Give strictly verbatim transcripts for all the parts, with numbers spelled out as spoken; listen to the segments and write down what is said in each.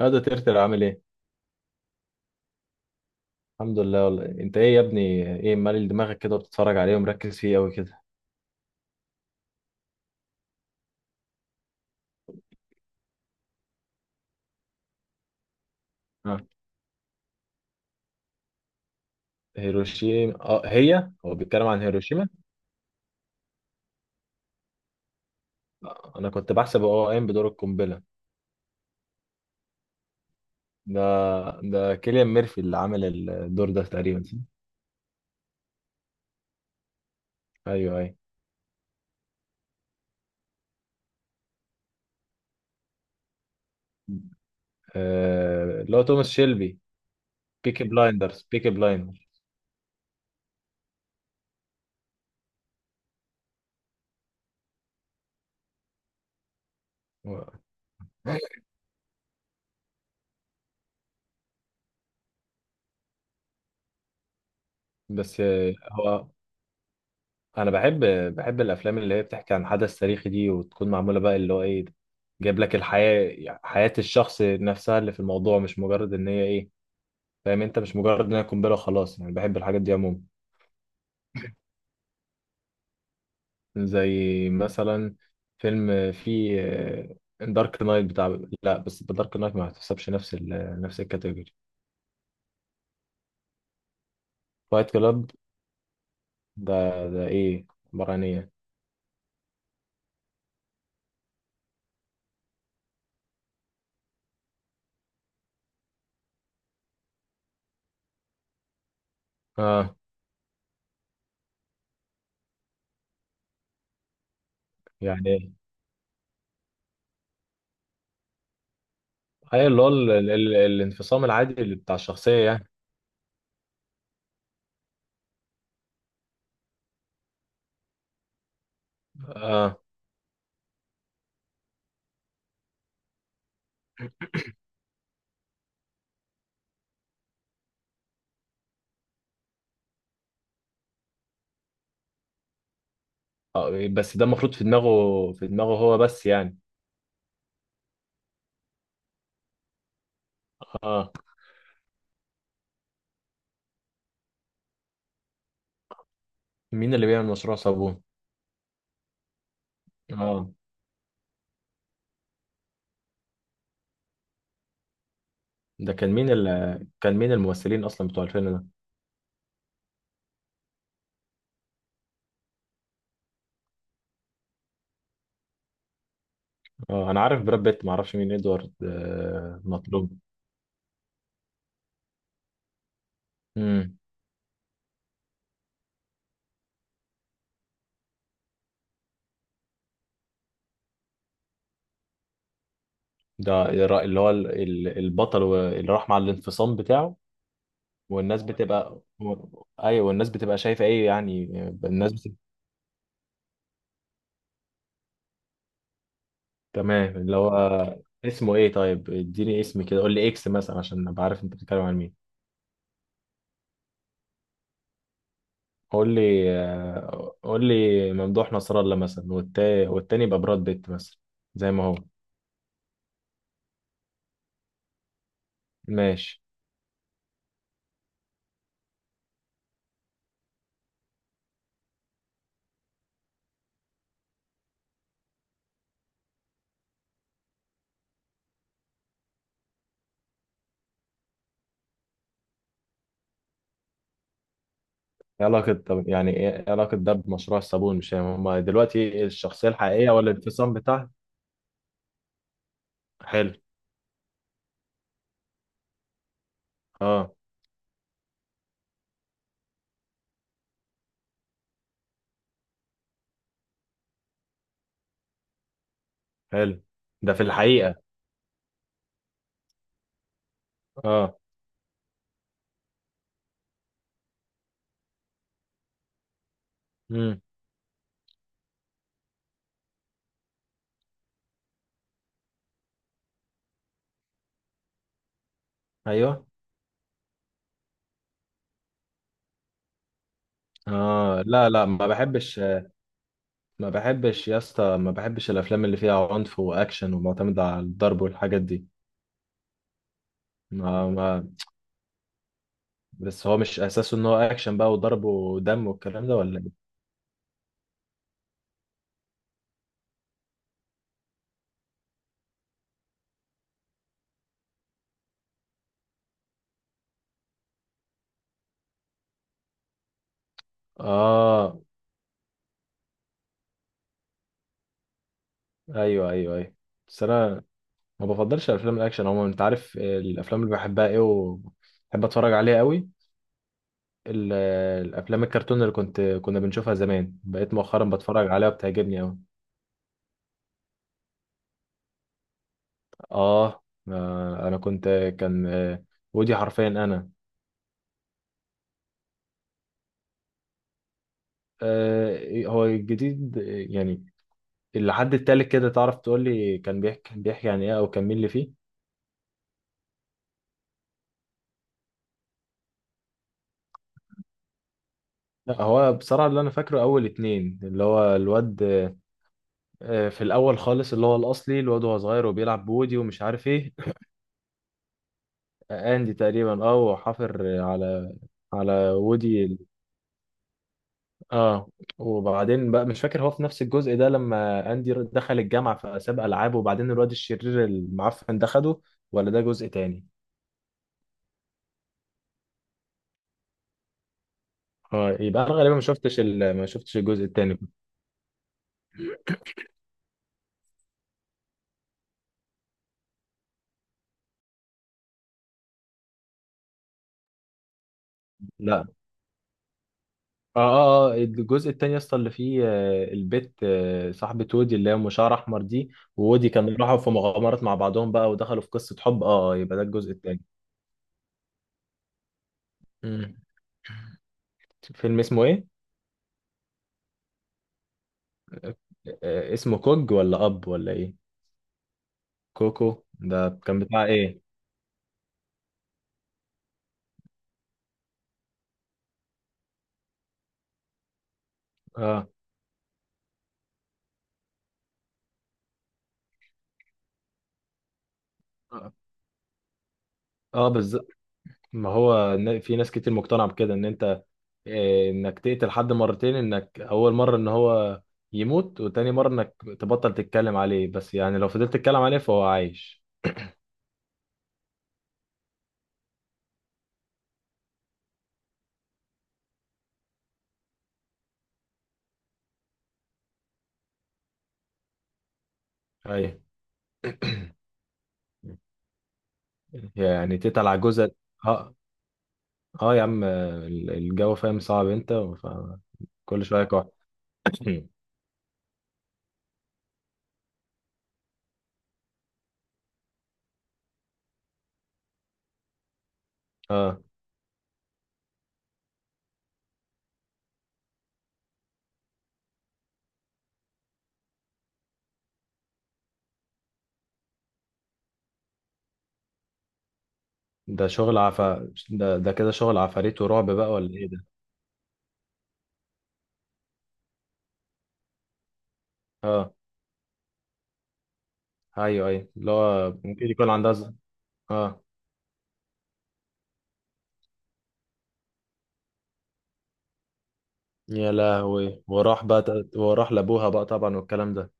هذا ترتر عامل ايه؟ الحمد لله والله. انت ايه يا ابني؟ ايه مالي دماغك كده وبتتفرج عليه ومركز فيه قوي كده؟ ها. هيروشيما، اه هي هو بيتكلم عن هيروشيما. آه، انا كنت بحسب هو قايم بدور القنبله. ده ده كيليان ميرفي اللي عامل الدور ده تقريبا، صح؟ ايوه، ايوه. آه، اللي هو توماس شيلبي. بيكي بلايندرز، بيكي بلايندرز. بس آه، هو انا بحب بحب الافلام اللي هي بتحكي عن حدث تاريخي دي، وتكون معموله بقى اللي هو ايه، جايب لك الحياه، حياه الشخص نفسها اللي في الموضوع، مش مجرد ان هي ايه، فاهم انت؟ مش مجرد ان هي قنبله وخلاص، يعني بحب الحاجات دي عموما. زي مثلا فيلم في دارك نايت بتاع، لا بس دارك نايت ما هتحسبش نفس ال... نفس الكاتيجوري. فايت كلاب، ده ده ايه؟ عباره عن ايه؟ اه. يعني ايه اللي هو ال... ال... ال- الانفصام العادي اللي بتاع الشخصيه يعني. اه، اه. بس ده المفروض في دماغه في دماغه هو بس يعني. اه. مين اللي بيعمل مشروع صابون؟ اه. ده كان مين ال... كان مين الممثلين اصلا بتوع الفيلم ده؟ اه، انا عارف براد بيت، ما اعرفش مين ادوارد آه... مطلوب. امم. ده الر- اللي هو ال- ال- البطل و- اللي راح مع الانفصام بتاعه. والناس بتبقى و- ايوه، والناس بتبقى شايفه ايه يعني؟ الناس بت... تمام، اللي هو اسمه ايه؟ طيب اديني اسم كده، قول لي اكس مثلا عشان ابقى عارف انت بتتكلم عن مين. قول لي آه، قول لي ممدوح نصر الله مثلا، والتاني، والتاني يبقى براد بيت مثلا. زي ما هو. ماشي. ايه علاقة طب يعني ايه إيه علاقة ده بمشروع الصابون؟ مش فاهم. هما دلوقتي الشخصية الحقيقية ولا الانفصام بتاعها؟ حلو. اه. حلو. ده في الحقيقة. اه. امم. ايوه. اه، لا لا، ما بحبش. ما بحبش يا اسطى، ما بحبش الافلام اللي فيها عنف واكشن ومعتمدة على الضرب والحاجات دي. ما ما بس هو مش اساسه ان هو اكشن بقى وضرب ودم والكلام ده، ولا؟ اه، ايوه، ايوه، ايوه. بس انا ما بفضلش الافلام الاكشن عموما. انت عارف الافلام اللي بحبها ايه وبحب اتفرج عليها قوي؟ ال- الافلام الكرتون اللي كنت كنا بنشوفها زمان، بقيت مؤخرا بتفرج عليها وبتعجبني قوي. آه, اه انا كنت، كان آه، ودي حرفيا انا. آه هو الجديد، آه، يعني اللي حد التالت كده، تعرف تقول لي كان بيحكي بيحكي عن ايه او كان مين اللي فيه؟ لا، هو بصراحة اللي انا فاكره اول اتنين اللي هو الواد. آه، في الاول خالص اللي هو الاصلي، الواد وهو صغير وبيلعب بودي ومش عارف ايه. آه، اندي تقريبا، اه، وحافر على على وودي ال- اه. وبعدين بقى مش فاكر هو في نفس الجزء ده لما اندي دخل الجامعه فساب العاب وبعدين الواد الشرير المعفن ده خده، ولا ده جزء تاني؟ اه، يبقى انا غالبا ما شفتش ال... ما شفتش الجزء التاني. لا. اه، اه، اه، الجزء التاني اصلا اللي فيه آه، البت آه، صاحبة وودي اللي هي ام شعر احمر دي، وودي كانوا راحوا في مغامرات مع بعضهم بقى ودخلوا في قصة حب. اه، اه، يبقى ده الجزء التاني. مم. فيلم اسمه ايه؟ آه اسمه كوج ولا اب ولا ايه؟ كوكو ده كان بتاع ايه؟ اه، اه، بالظبط. ما هو ن- في ناس كتير مقتنعة بكده ان انت آه، انك تقتل حد مرتين، انك اول مرة ان هو يموت، وتاني مرة انك تبطل تتكلم عليه، بس يعني لو فضلت تتكلم عليه فهو عايش. ايوه، يعني تتقل على جوزك. اه، اه، يا عم ال- الجو فاهم صعب انت، فكل شويه كح. اه، ده شغل عف ده ده كده شغل عفاريت ورعب بقى ولا ايه ده؟ اه، ايوه، ايوه، اللي هو ممكن يكون عندها ز- اه. يا لهوي، وراح بقى ت- وراح لابوها بقى طبعا والكلام ده.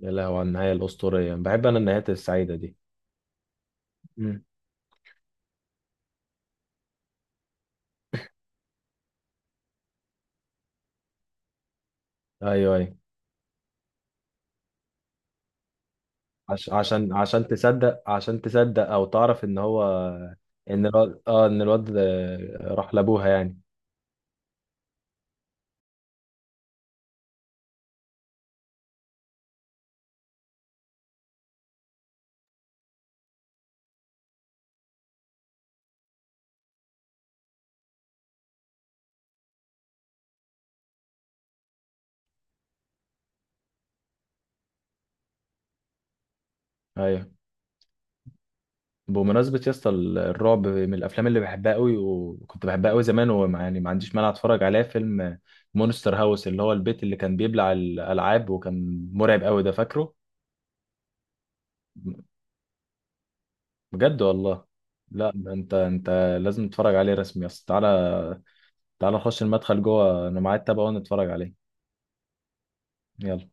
يا لهوي، على النهايه الاسطوريه. بحب انا النهايات السعيده دي. مم. ايوه، ايوه. عش... عشان عشان تصدق عشان تصدق او تعرف ان هو ان الواد اه ان الواد، آه، راح لابوها يعني؟ ايوه. بمناسبة يا اسطى الرعب من الافلام اللي بحبها قوي وكنت بحبها قوي زمان، وما يعني ما عنديش مانع اتفرج عليها. فيلم مونستر هاوس اللي هو البيت اللي كان بيبلع الالعاب وكان مرعب قوي ده، فاكره؟ بجد والله. لا، ده انت، انت لازم تتفرج عليه رسمي يا اسطى. تعالى. تعالى نخش المدخل جوه، انا معايا التابع ونتفرج عليه. يلا.